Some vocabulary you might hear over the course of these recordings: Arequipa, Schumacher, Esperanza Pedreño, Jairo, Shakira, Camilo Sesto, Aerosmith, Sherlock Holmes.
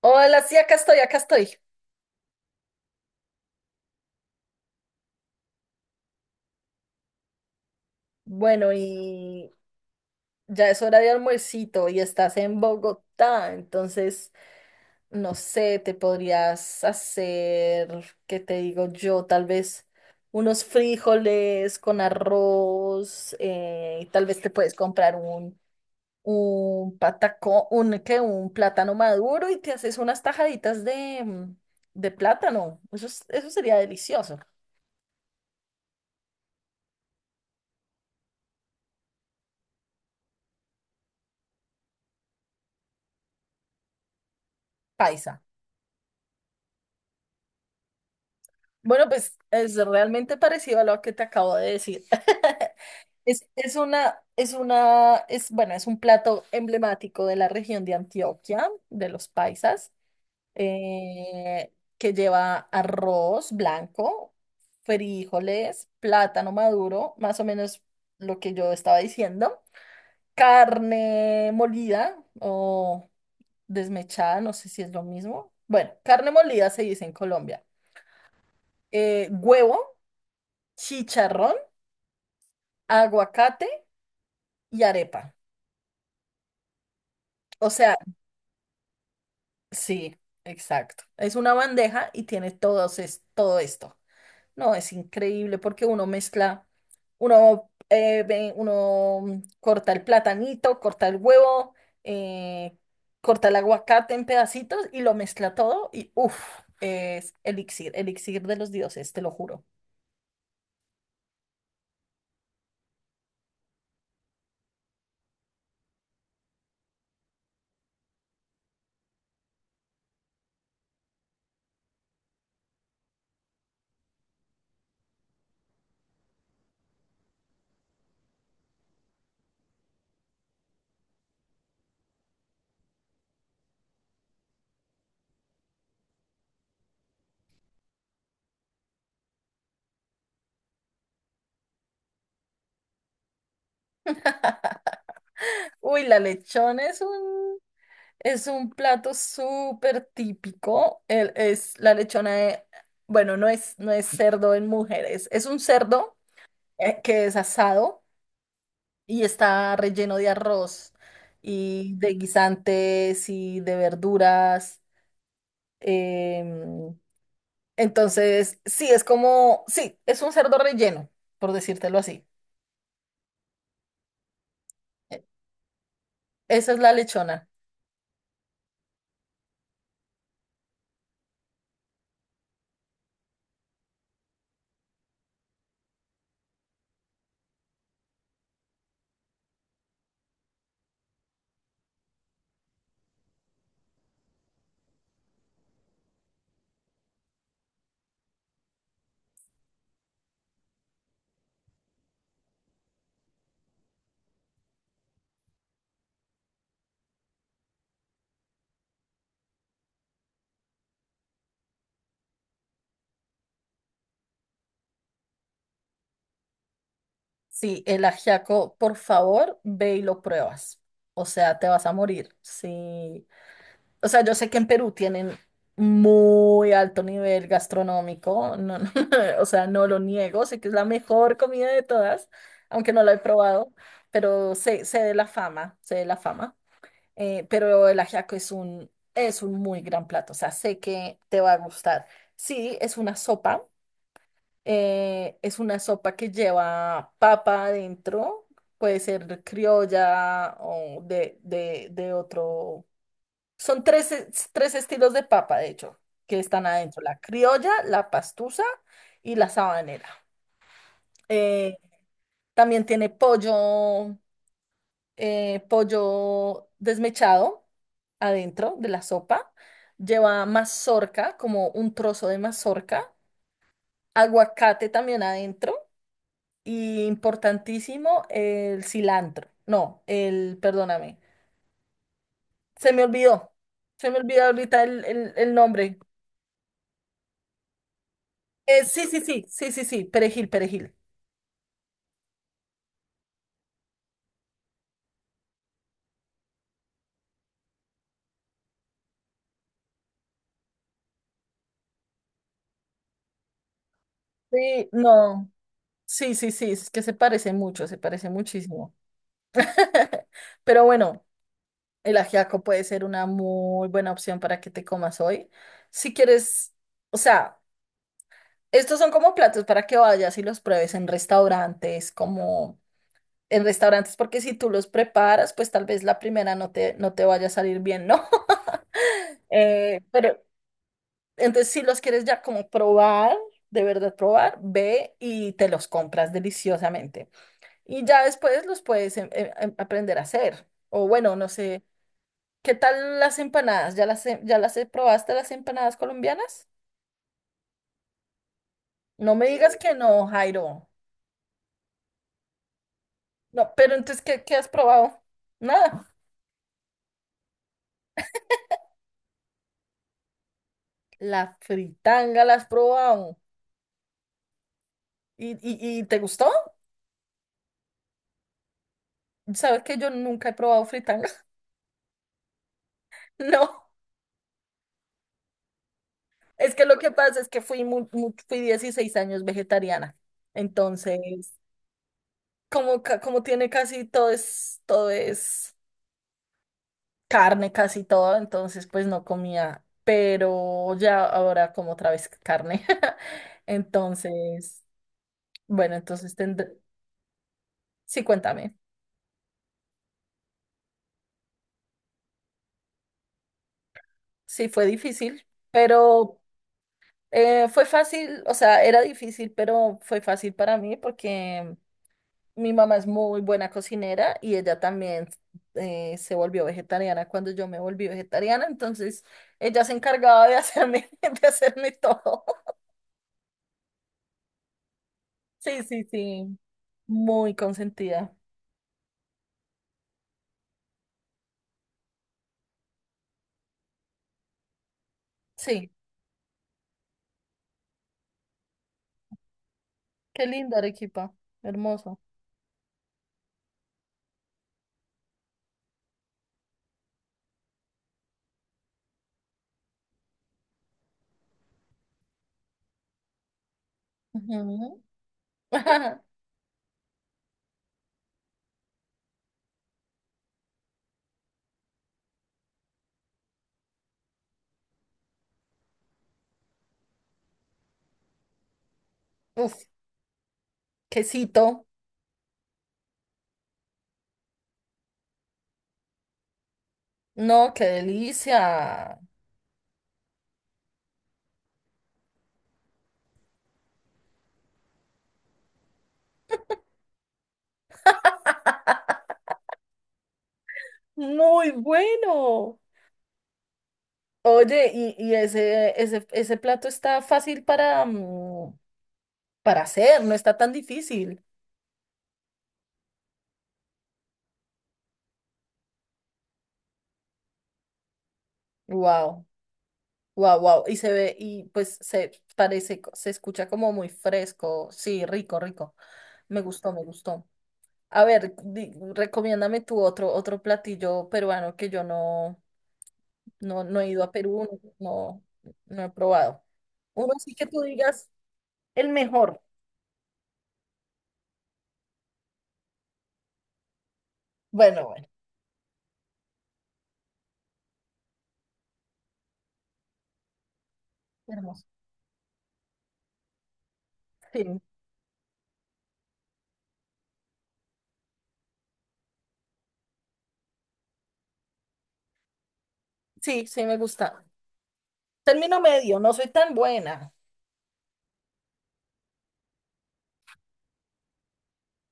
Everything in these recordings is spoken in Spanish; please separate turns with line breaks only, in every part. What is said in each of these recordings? Hola, sí, acá estoy, acá estoy. Bueno, y ya es hora de almuercito y estás en Bogotá, entonces, no sé, te podrías hacer, ¿qué te digo yo? Tal vez unos frijoles con arroz, y tal vez te puedes comprar un patacón, un, ¿qué? Un plátano maduro y te haces unas tajaditas de, de plátano. Eso sería delicioso, paisa. Bueno, pues es realmente parecido a lo que te acabo de decir. Es una, es una, es, bueno, es un plato emblemático de la región de Antioquia, de los paisas, eh, que lleva arroz blanco, frijoles, plátano maduro, más o menos lo que yo estaba diciendo, carne molida o desmechada, no sé si es lo mismo. Bueno, carne molida se dice en Colombia. Huevo, chicharrón, aguacate y arepa. O sea, sí, exacto. Es una bandeja y tiene todo esto. No, es increíble porque uno mezcla, uno corta el platanito, corta el huevo, eh, corta el aguacate en pedacitos y lo mezcla todo y uff, es elixir, elixir de los dioses, te lo juro. Uy, la lechona es un… Es un plato súper típico. Es la lechona de, bueno, no es, no es cerdo en mujeres. Es un cerdo que es asado y está relleno de arroz y de guisantes y de verduras. em, entonces, sí, es como, sí, es un cerdo relleno, por decírtelo así. E- Esa es la lechona. Sí, el ajiaco, por favor, ve y lo pruebas. O sea, te vas a morir. Sí. O sea, yo sé que en Perú tienen muy alto nivel gastronómico, no, no, o sea, no lo niego, sé que es la mejor comida de todas, aunque no la he probado, pero sé, sé de la fama, sé de la fama. Pero el ajiaco es un muy gran plato, o sea, sé que te va a gustar. Sí, es una sopa que lleva papa adentro, puede ser criolla o de otro. Tres estilos de papa, de hecho, que están adentro. La criolla, la pastusa y la sabanera. Eh, También tiene pollo, pollo desmechado adentro de la sopa. Lleva mazorca, como un trozo de mazorca. Aguacate también adentro. Y importantísimo, el cilantro. No, el, perdóname. Se me olvidó. Se me olvidó ahorita el nombre. Sí, perejil, perejil. Sí, no. Sí, sí, sí, es que se parece mucho, se parece muchísimo. Pero bueno, el ajiaco puede ser una muy buena opción para que te comas hoy. Si quieres, o sea, estos son como platos para que vayas y los pruebes en restaurantes, como en restaurantes, porque si tú los preparas, pues tal vez la primera no te, no te vaya a salir bien, ¿no? Eh, pero Entonces, si los quieres ya como probar, de verdad probar, ve y te los compras deliciosamente. Y ya después los puedes aprender a hacer. O bueno, no sé, ¿qué tal las empanadas? ¿ Probaste las empanadas colombianas? No me digas que no, Jairo. No, pero entonces, ¿ qué has probado? Nada. La fritanga la has probado. ¿Y te gustó? ¿Sabes que yo nunca he probado fritanga? No. Es que lo que pasa es que fui 16 años vegetariana. Entonces, como tiene casi todo es carne, casi todo, entonces pues no comía. Pero ya ahora como otra vez carne. Entonces, bueno, entonces tendré… Sí, cuéntame. Sí, fue difícil, pero fue fácil, o sea, era difícil, pero fue fácil para mí porque… Mi mamá es muy buena cocinera y ella también se volvió vegetariana cuando yo me volví vegetariana, entonces ella se encargaba de hacerme, de hacerme todo. Sí, sí, sí, muy consentida. Sí, qué linda Arequipa, hermoso. Ujú. Uf, quesito, no, qué delicia. Muy bueno. Oye, y ese, ese, ese plato está fácil para, mm, para hacer, no está tan difícil. Wow, wow, wow. Y se ve, y pues se parece, se escucha como muy fresco. Sí, rico, rico. Me gustó, me gustó. A ver, recomiéndame tú otro, otro platillo peruano que yo no, no, no he ido a Perú, no, no he probado. Uno sí que tú digas el mejor. Bueno, bueno, hermoso. Sí, sí, sí me gusta. Término medio, no soy tan buena.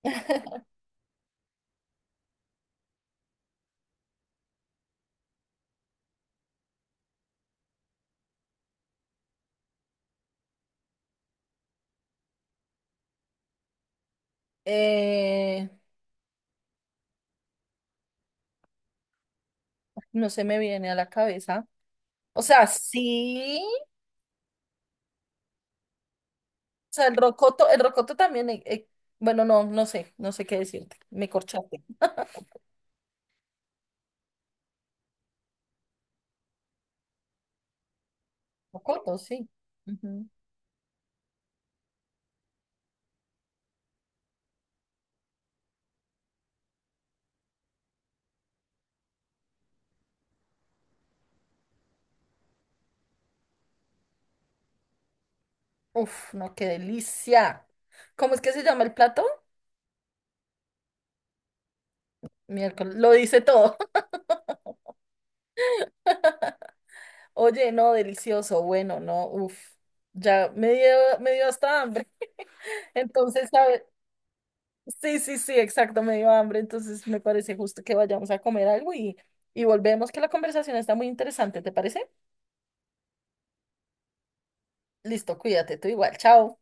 Eh, no se me viene a la cabeza. O sea, sí. O sea, el rocoto también, bueno, no, no sé, no sé qué decirte. Me corchaste. Rocoto, sí. Ujú. Uf, no, qué delicia. ¿Cómo es que se llama el plato? Miércoles, lo dice todo. Oye, no, delicioso, bueno, no, uf, ya me dio hasta hambre. Entonces, ¿sabes? Sí, sí, sí, exacto, me dio hambre. Entonces, me parece justo que vayamos a comer algo y volvemos, que la conversación está muy interesante, ¿te parece? Listo, cuídate, tú igual, chao.